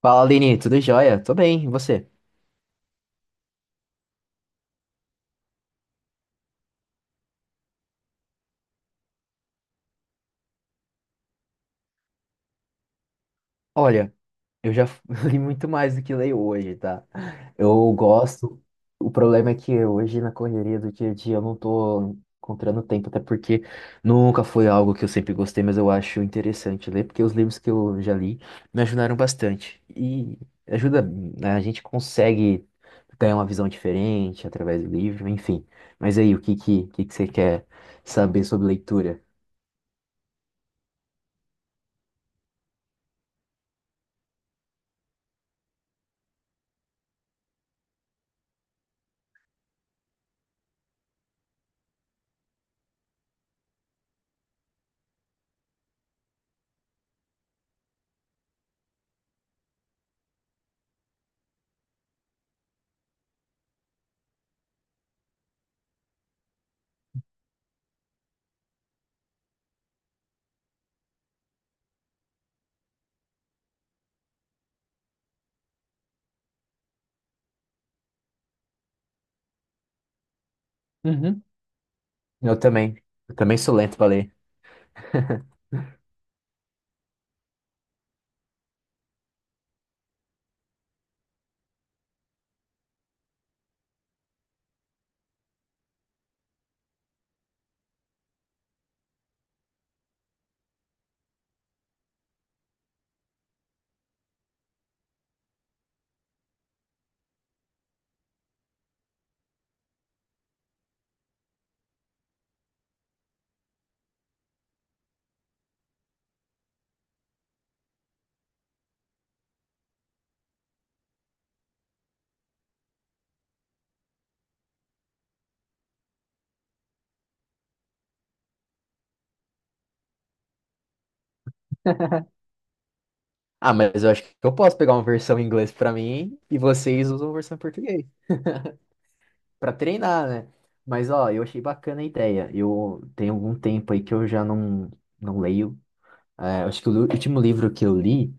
Fala, Aline, tudo jóia? Tô bem, e você? Olha, eu já li muito mais do que leio hoje, tá? Eu gosto. O problema é que hoje, na correria do dia a dia, eu não tô encontrando tempo, até porque nunca foi algo que eu sempre gostei, mas eu acho interessante ler, porque os livros que eu já li me ajudaram bastante. E ajuda, né? A gente consegue ter uma visão diferente através do livro, enfim. Mas aí, o que que você quer saber sobre leitura? Eu também. Eu também sou lento pra ler. Ah, mas eu acho que eu posso pegar uma versão em inglês pra mim e vocês usam a versão em português pra treinar, né? Mas ó, eu achei bacana a ideia. Eu tenho algum tempo aí que eu já não, não leio. É, acho que o último livro que eu li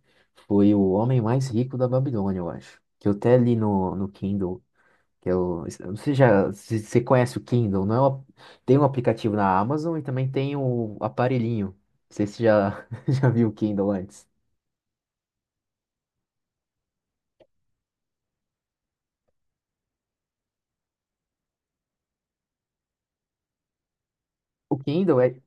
foi O Homem Mais Rico da Babilônia, eu acho. Que eu até li no Kindle. Que eu não sei já, se você conhece o Kindle, não é tem um aplicativo na Amazon e também tem o aparelhinho. Não sei se você já, já viu o Kindle antes. O Kindle é,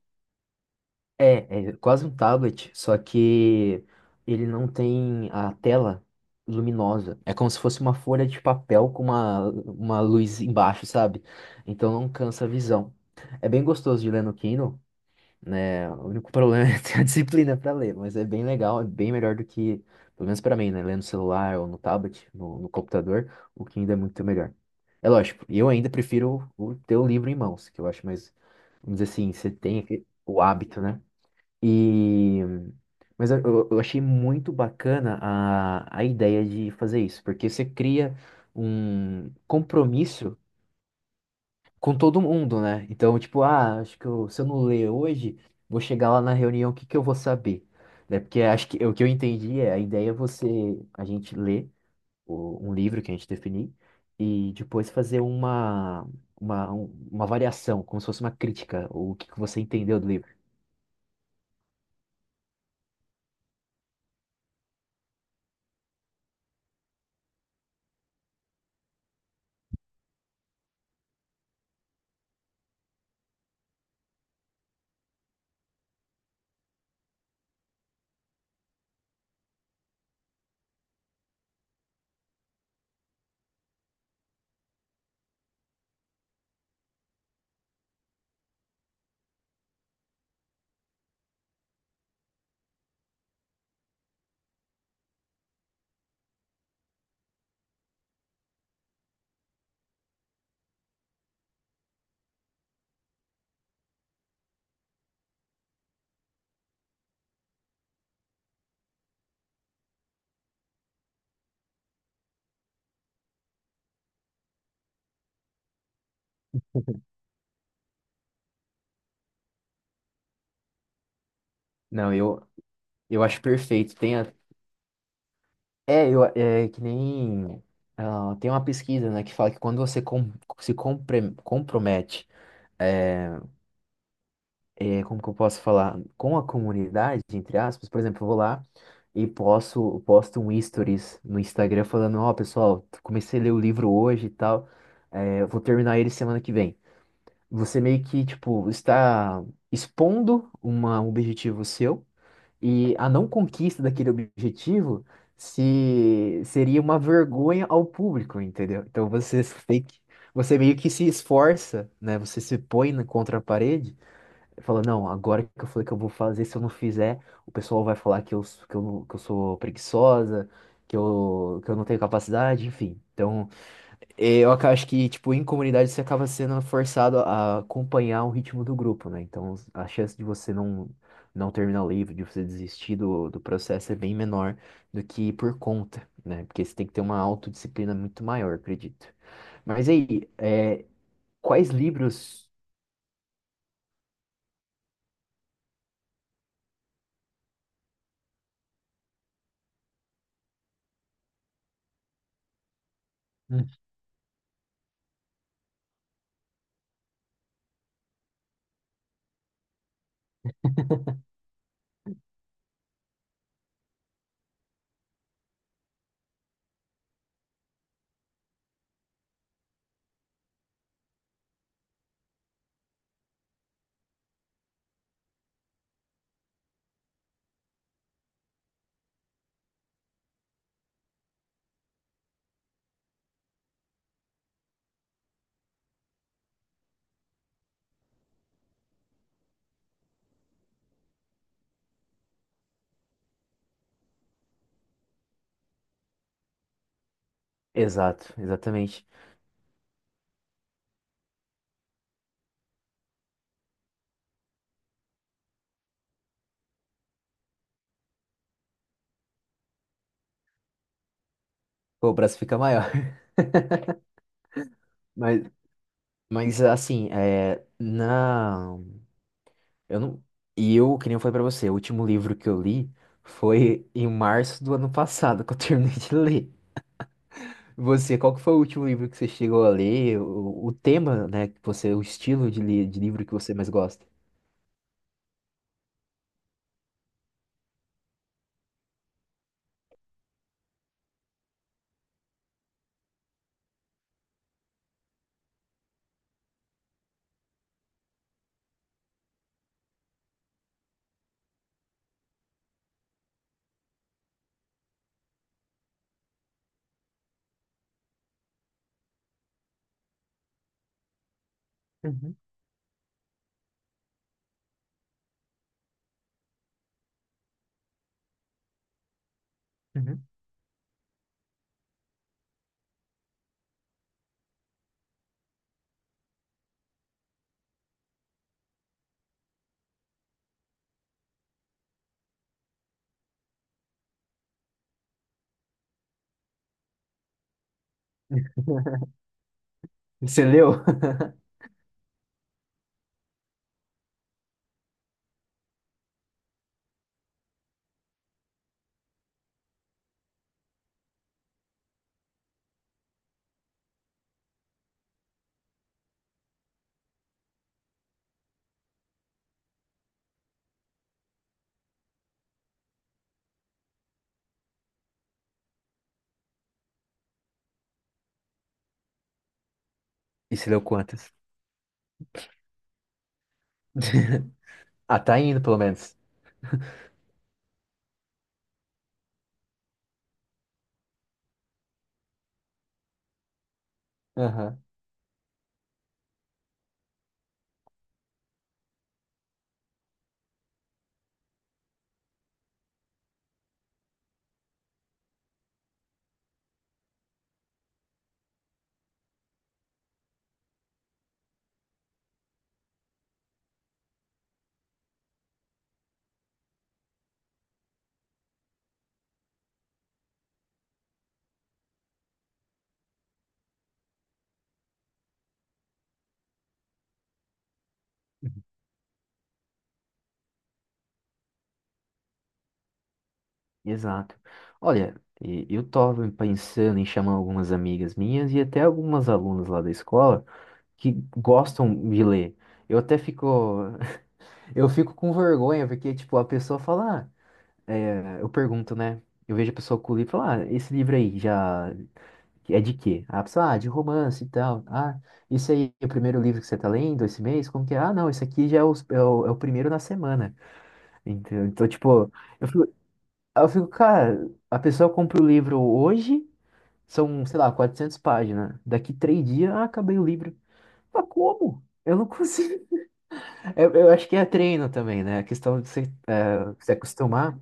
é, é quase um tablet, só que ele não tem a tela luminosa. É como se fosse uma folha de papel com uma luz embaixo, sabe? Então não cansa a visão. É bem gostoso de ler no Kindle, né? O único problema é ter a disciplina para ler, mas é bem legal, é bem melhor do que, pelo menos para mim, né? Ler no celular ou no tablet, no computador, o que ainda é muito melhor. É lógico, eu ainda prefiro o ter o livro em mãos, que eu acho mais, vamos dizer assim, você tem o hábito, né? E. Mas eu achei muito bacana a ideia de fazer isso, porque você cria um compromisso com todo mundo, né? Então, tipo, ah, acho que se eu não ler hoje, vou chegar lá na reunião, o que que eu vou saber? Né? Porque acho que o que eu entendi é a ideia é você, a gente ler um livro que a gente definir e depois fazer uma variação, como se fosse uma crítica, o que que você entendeu do livro. Não, eu acho perfeito. É, é que nem. Ah, tem uma pesquisa, né, que fala que quando você se compromete. eh, É, como que eu posso falar, com a comunidade, entre aspas, por exemplo, eu vou lá e posto um stories no Instagram falando, ó, pessoal, comecei a ler o livro hoje e tal, é, eu vou terminar ele semana que vem. Você meio que, tipo, está expondo uma, um objetivo seu e a não conquista daquele objetivo se seria uma vergonha ao público, entendeu? Então tem que, você meio que se esforça, né? Você se põe contra a parede. Fala, não, agora que eu falei que eu vou fazer, se eu não fizer, o pessoal vai falar que eu sou preguiçosa, que eu não tenho capacidade, enfim. Então, eu acho que, tipo, em comunidade você acaba sendo forçado a acompanhar o ritmo do grupo, né? Então, a chance de você não terminar o livro, de você desistir do processo é bem menor do que por conta, né? Porque você tem que ter uma autodisciplina muito maior, acredito. Mas aí, quais livros... Hum. Exato, exatamente. Pô, o braço fica maior. Mas, mas assim, é, na, eu não, que nem eu falei pra você, o último livro que eu li foi em março do ano passado, que eu terminei de ler. Você, qual que foi o último livro que você chegou a ler? O tema, né, que você, o estilo de livro que você mais gosta? Uhum, uhum. Você leu? E você leu quantos? Ah, tá indo, pelo menos. Aham. Exato. Olha, eu estava pensando em chamar algumas amigas minhas e até algumas alunas lá da escola que gostam de ler. Eu até fico, eu fico com vergonha, porque, tipo, a pessoa fala, ah, é, eu pergunto, né? Eu vejo a pessoa com o livro e falo, ah, esse livro aí já é de quê? A pessoa, ah, de romance e tal. Ah, esse aí é o primeiro livro que você tá lendo esse mês? Como que é? Ah, não, esse aqui já é o primeiro na semana. Então, tipo, eu fico, aí eu fico, cara, a pessoa compra o livro hoje, são, sei lá, 400 páginas. Daqui 3 dias, ah, acabei o livro. Mas como? Eu não consigo. Eu acho que é treino também, né? A questão de se acostumar,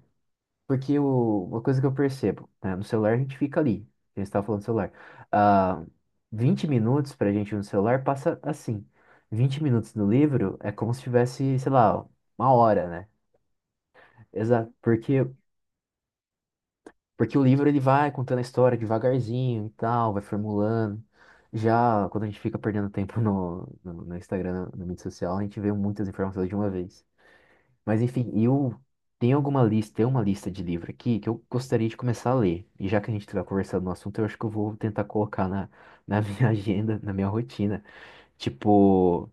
porque uma coisa que eu percebo, né? No celular a gente fica ali. A gente estava falando do celular. Ah, 20 minutos pra gente no celular passa assim. 20 minutos no livro é como se tivesse, sei lá, uma hora, né? Exato, porque o livro ele vai contando a história devagarzinho e tal, vai formulando. Já quando a gente fica perdendo tempo no Instagram, na mídia social, a gente vê muitas informações de uma vez. Mas enfim, eu tenho alguma lista, tem uma lista de livro aqui que eu gostaria de começar a ler. E já que a gente está conversando no assunto, eu acho que eu vou tentar colocar na minha agenda, na minha rotina. Tipo,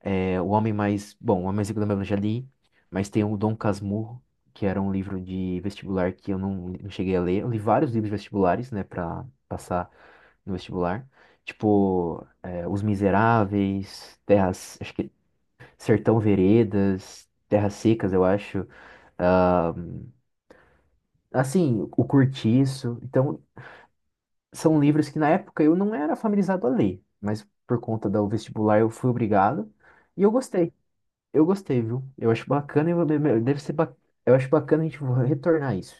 é, o homem mais. Bom, o Homem Mais Rico da Babilônia eu já li, mas tem o Dom Casmurro, que era um livro de vestibular que eu não cheguei a ler. Eu li vários livros vestibulares, né, pra passar no vestibular. Tipo, é, Os Miseráveis, Terras. Acho que Sertão Veredas, Terras Secas, eu acho. Ah, assim, O Cortiço. Então, são livros que na época eu não era familiarizado a ler, mas por conta do vestibular eu fui obrigado. E eu gostei. Eu gostei, viu? Eu acho bacana e eu- deve ser ba... Eu acho bacana a gente retornar isso.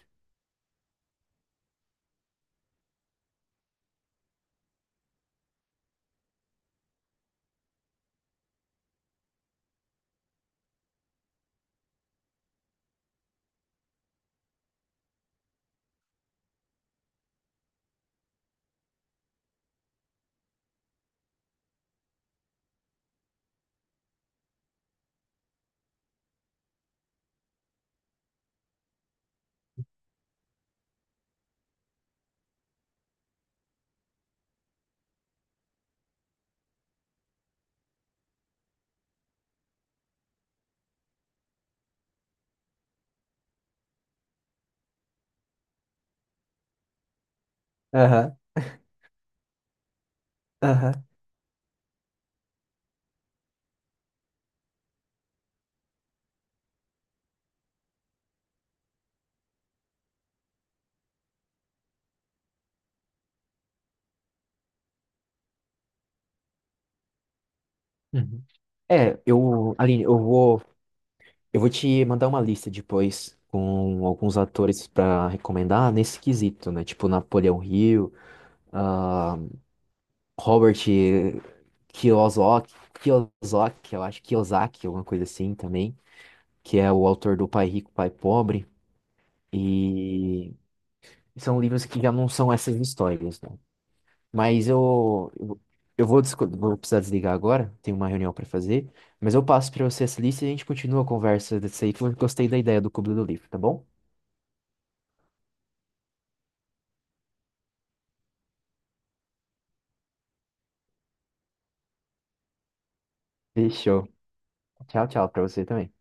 Aham, aham. Uhum. É, Aline, eu vou te mandar uma lista depois com alguns atores pra recomendar nesse quesito, né? Tipo Napoleão Hill, ah, Robert Kiyosaki, Kiyosaki, eu acho Kiyosaki, alguma coisa assim também, que é o autor do Pai Rico, Pai Pobre, e são livros que já não são essas histórias, né? Mas eu vou precisar desligar agora, tenho uma reunião para fazer, mas eu passo para você essa lista e a gente continua a conversa desse aí, que eu gostei da ideia do Clube do Livro, tá bom? Fechou. Tchau, tchau para você também.